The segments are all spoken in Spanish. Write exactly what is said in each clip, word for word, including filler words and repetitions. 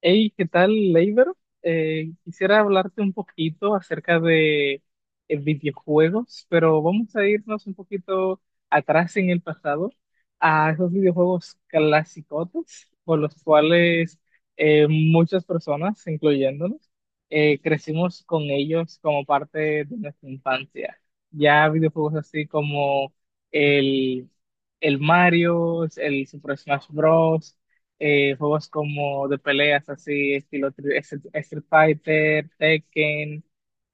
Hey, ¿qué tal, Leiber? Eh, quisiera hablarte un poquito acerca de eh, videojuegos, pero vamos a irnos un poquito atrás en el pasado a esos videojuegos clasicotes con los cuales eh, muchas personas, incluyéndonos, eh, crecimos con ellos como parte de nuestra infancia. Ya videojuegos así como el, el Mario, el Super Smash Bros, eh, juegos como de peleas así, estilo tri- Street Street Fighter, Tekken,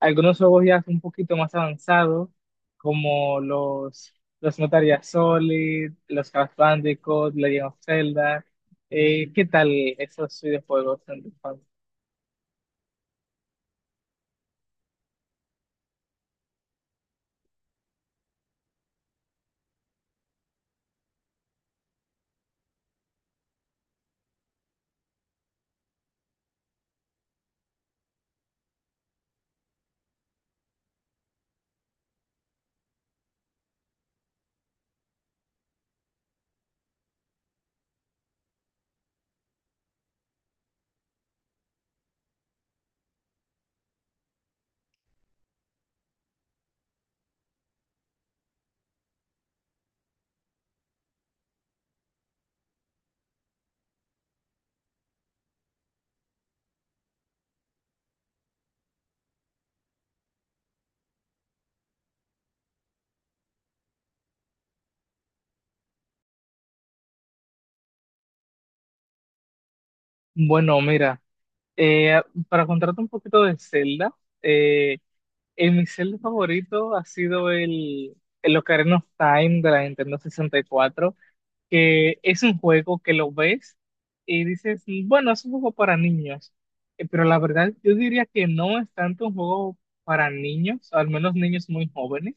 algunos juegos ya un poquito más avanzados, como los, los Metal Gear Solid, los Crash Bandicoot, Legend of Zelda. Eh, ¿qué tal esos videojuegos en tu infancia? Bueno, mira, eh, para contarte un poquito de Zelda, eh, eh, mi Zelda favorito ha sido el, el Ocarina of Time de la Nintendo sesenta y cuatro. Que es un juego que lo ves y dices, bueno, es un juego para niños. Eh, pero la verdad yo diría que no es tanto un juego para niños, al menos niños muy jóvenes,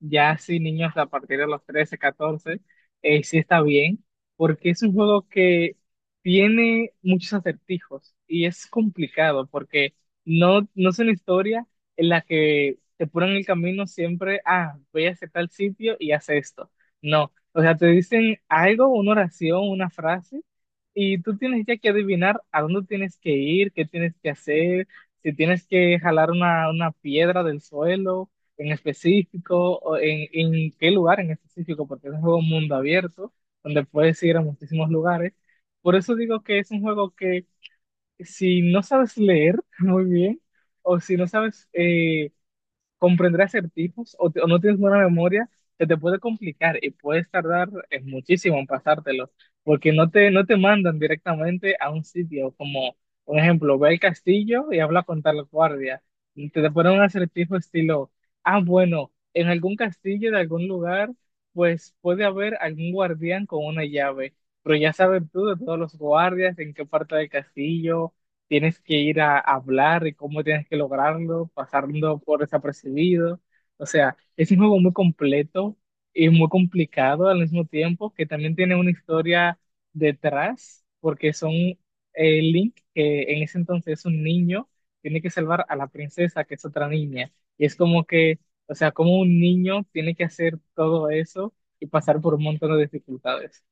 ya sí niños a partir de los trece, catorce, eh, sí está bien, porque es un juego que tiene muchos acertijos y es complicado porque no, no es una historia en la que te ponen el camino siempre, ah, voy a hacer tal sitio y haz esto. No, o sea, te dicen algo, una oración, una frase, y tú tienes ya que adivinar a dónde tienes que ir, qué tienes que hacer, si tienes que jalar una, una piedra del suelo en específico, o en, en qué lugar en específico, porque es un juego mundo abierto, donde puedes ir a muchísimos lugares. Por eso digo que es un juego que si no sabes leer muy bien, o si no sabes eh, comprender acertijos o, te- o no tienes buena memoria, se te puede complicar y puedes tardar eh, muchísimo en pasártelos, porque no te, no te mandan directamente a un sitio como, por ejemplo, ve al castillo y habla con tal guardia. Y Te, te ponen un acertijo estilo, ah, bueno, en algún castillo de algún lugar, pues puede haber algún guardián con una llave, pero ya sabes tú, de todos los guardias, en qué parte del castillo tienes que ir a hablar y cómo tienes que lograrlo, pasando por desapercibido. O sea, es un juego muy completo y muy complicado al mismo tiempo, que también tiene una historia detrás, porque son, eh, Link, que en ese entonces es un niño, tiene que salvar a la princesa, que es otra niña. Y es como que, o sea, como un niño tiene que hacer todo eso y pasar por un montón de dificultades.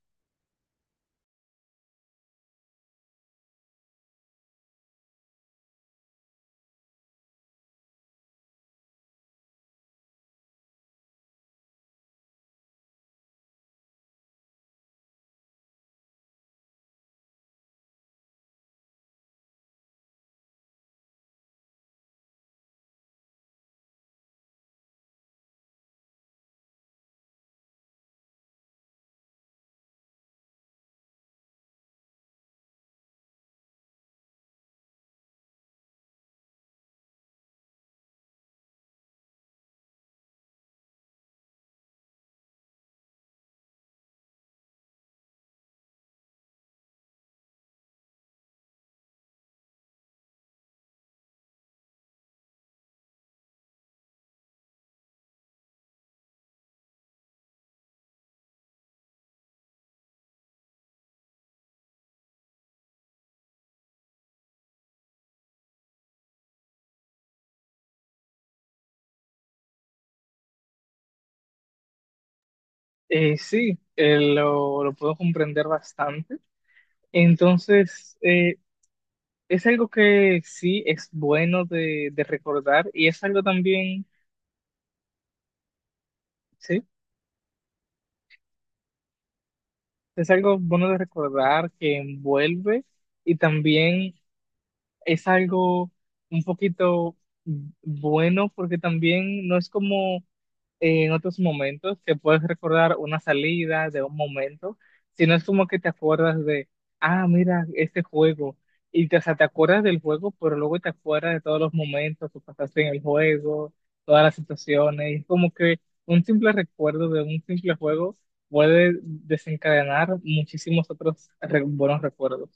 Eh, sí, eh, lo, lo puedo comprender bastante. Entonces, eh, es algo que sí es bueno de, de recordar y es algo también, sí, es algo bueno de recordar que envuelve, y también es algo un poquito bueno porque también no es como en otros momentos que puedes recordar una salida de un momento, si no es como que te acuerdas de, ah, mira, este juego, y te, o sea, te acuerdas del juego, pero luego te acuerdas de todos los momentos que pasaste en el juego, todas las situaciones, y es como que un simple recuerdo de un simple juego puede desencadenar muchísimos otros re- buenos recuerdos.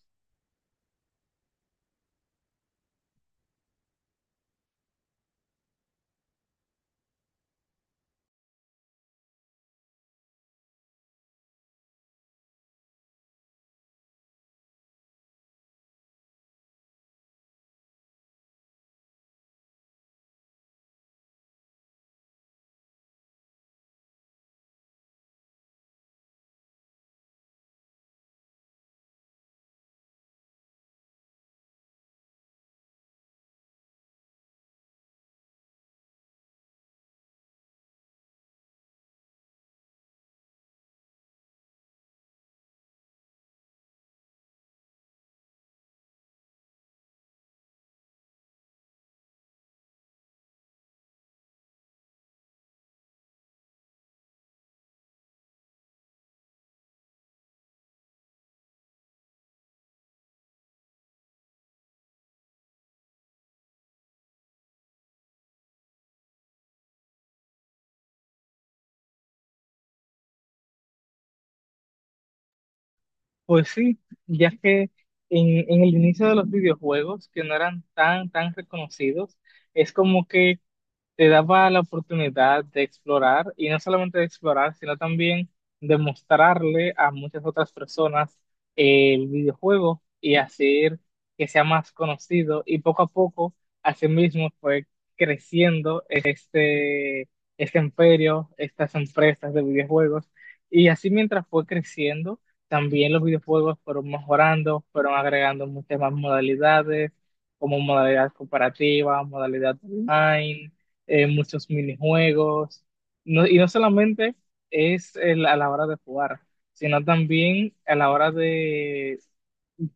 Pues sí, ya que en, en el inicio de los videojuegos, que no eran tan, tan reconocidos, es como que te daba la oportunidad de explorar, y no solamente de explorar, sino también de mostrarle a muchas otras personas el videojuego y hacer que sea más conocido. Y poco a poco, así mismo fue creciendo este, este imperio, estas empresas de videojuegos. Y así mientras fue creciendo, también los videojuegos fueron mejorando, fueron agregando muchas más modalidades, como modalidad cooperativa, modalidad online, eh, muchos minijuegos. No- y no solamente es el- a la hora de jugar, sino también a la hora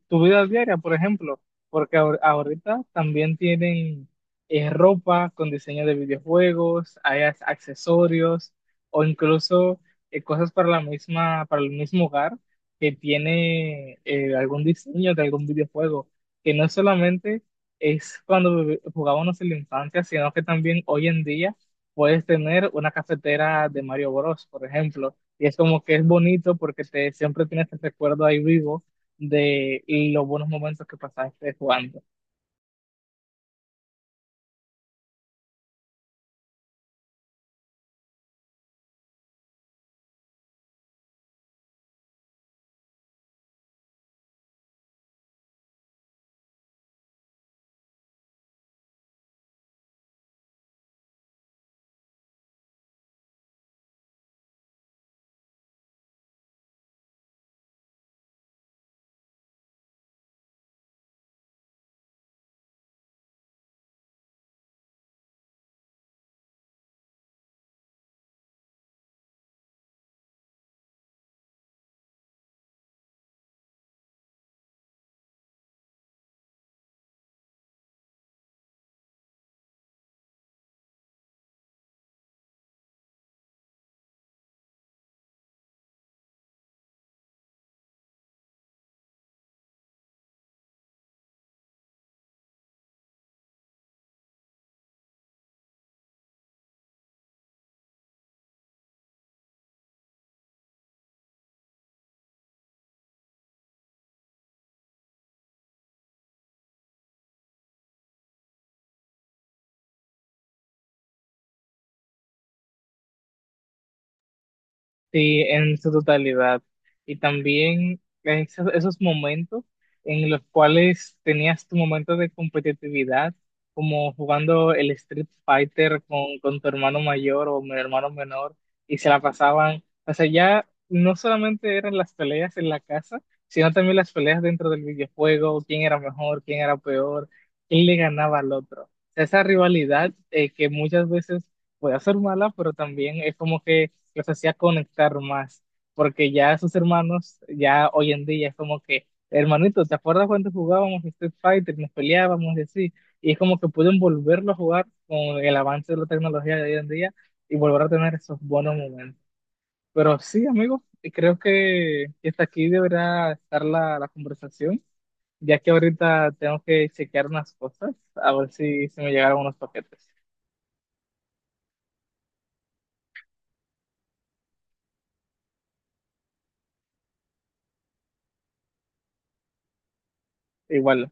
tu vida diaria, por ejemplo, porque ahor- ahorita también tienen eh, ropa con diseño de videojuegos, hay as- accesorios o incluso eh, cosas para la misma, para el mismo hogar que tiene, eh, algún diseño de algún videojuego, que no solamente es cuando vi- jugábamos en la infancia, sino que también hoy en día puedes tener una cafetera de Mario Bros, por ejemplo. Y es como que es bonito porque te, siempre tienes el recuerdo ahí vivo de los buenos momentos que pasaste jugando. Sí, en su totalidad. Y también esos, esos momentos en los cuales tenías tu momento de competitividad, como jugando el Street Fighter con, con tu hermano mayor o mi hermano menor, y se la pasaban. O sea, ya no solamente eran las peleas en la casa, sino también las peleas dentro del videojuego, quién era mejor, quién era peor, quién le ganaba al otro. O sea, esa rivalidad, eh, que muchas veces puede ser mala, pero también es como que los hacía conectar más, porque ya sus hermanos, ya hoy en día es como que, hermanito, ¿te acuerdas cuando jugábamos Street Fighter, nos peleábamos y así? Y es como que pueden volverlo a jugar con el avance de la tecnología de hoy en día y volver a tener esos buenos momentos. Pero sí, amigos, creo que hasta aquí deberá estar la, la conversación, ya que ahorita tengo que chequear unas cosas, a ver si se me llegaron unos paquetes. Igual.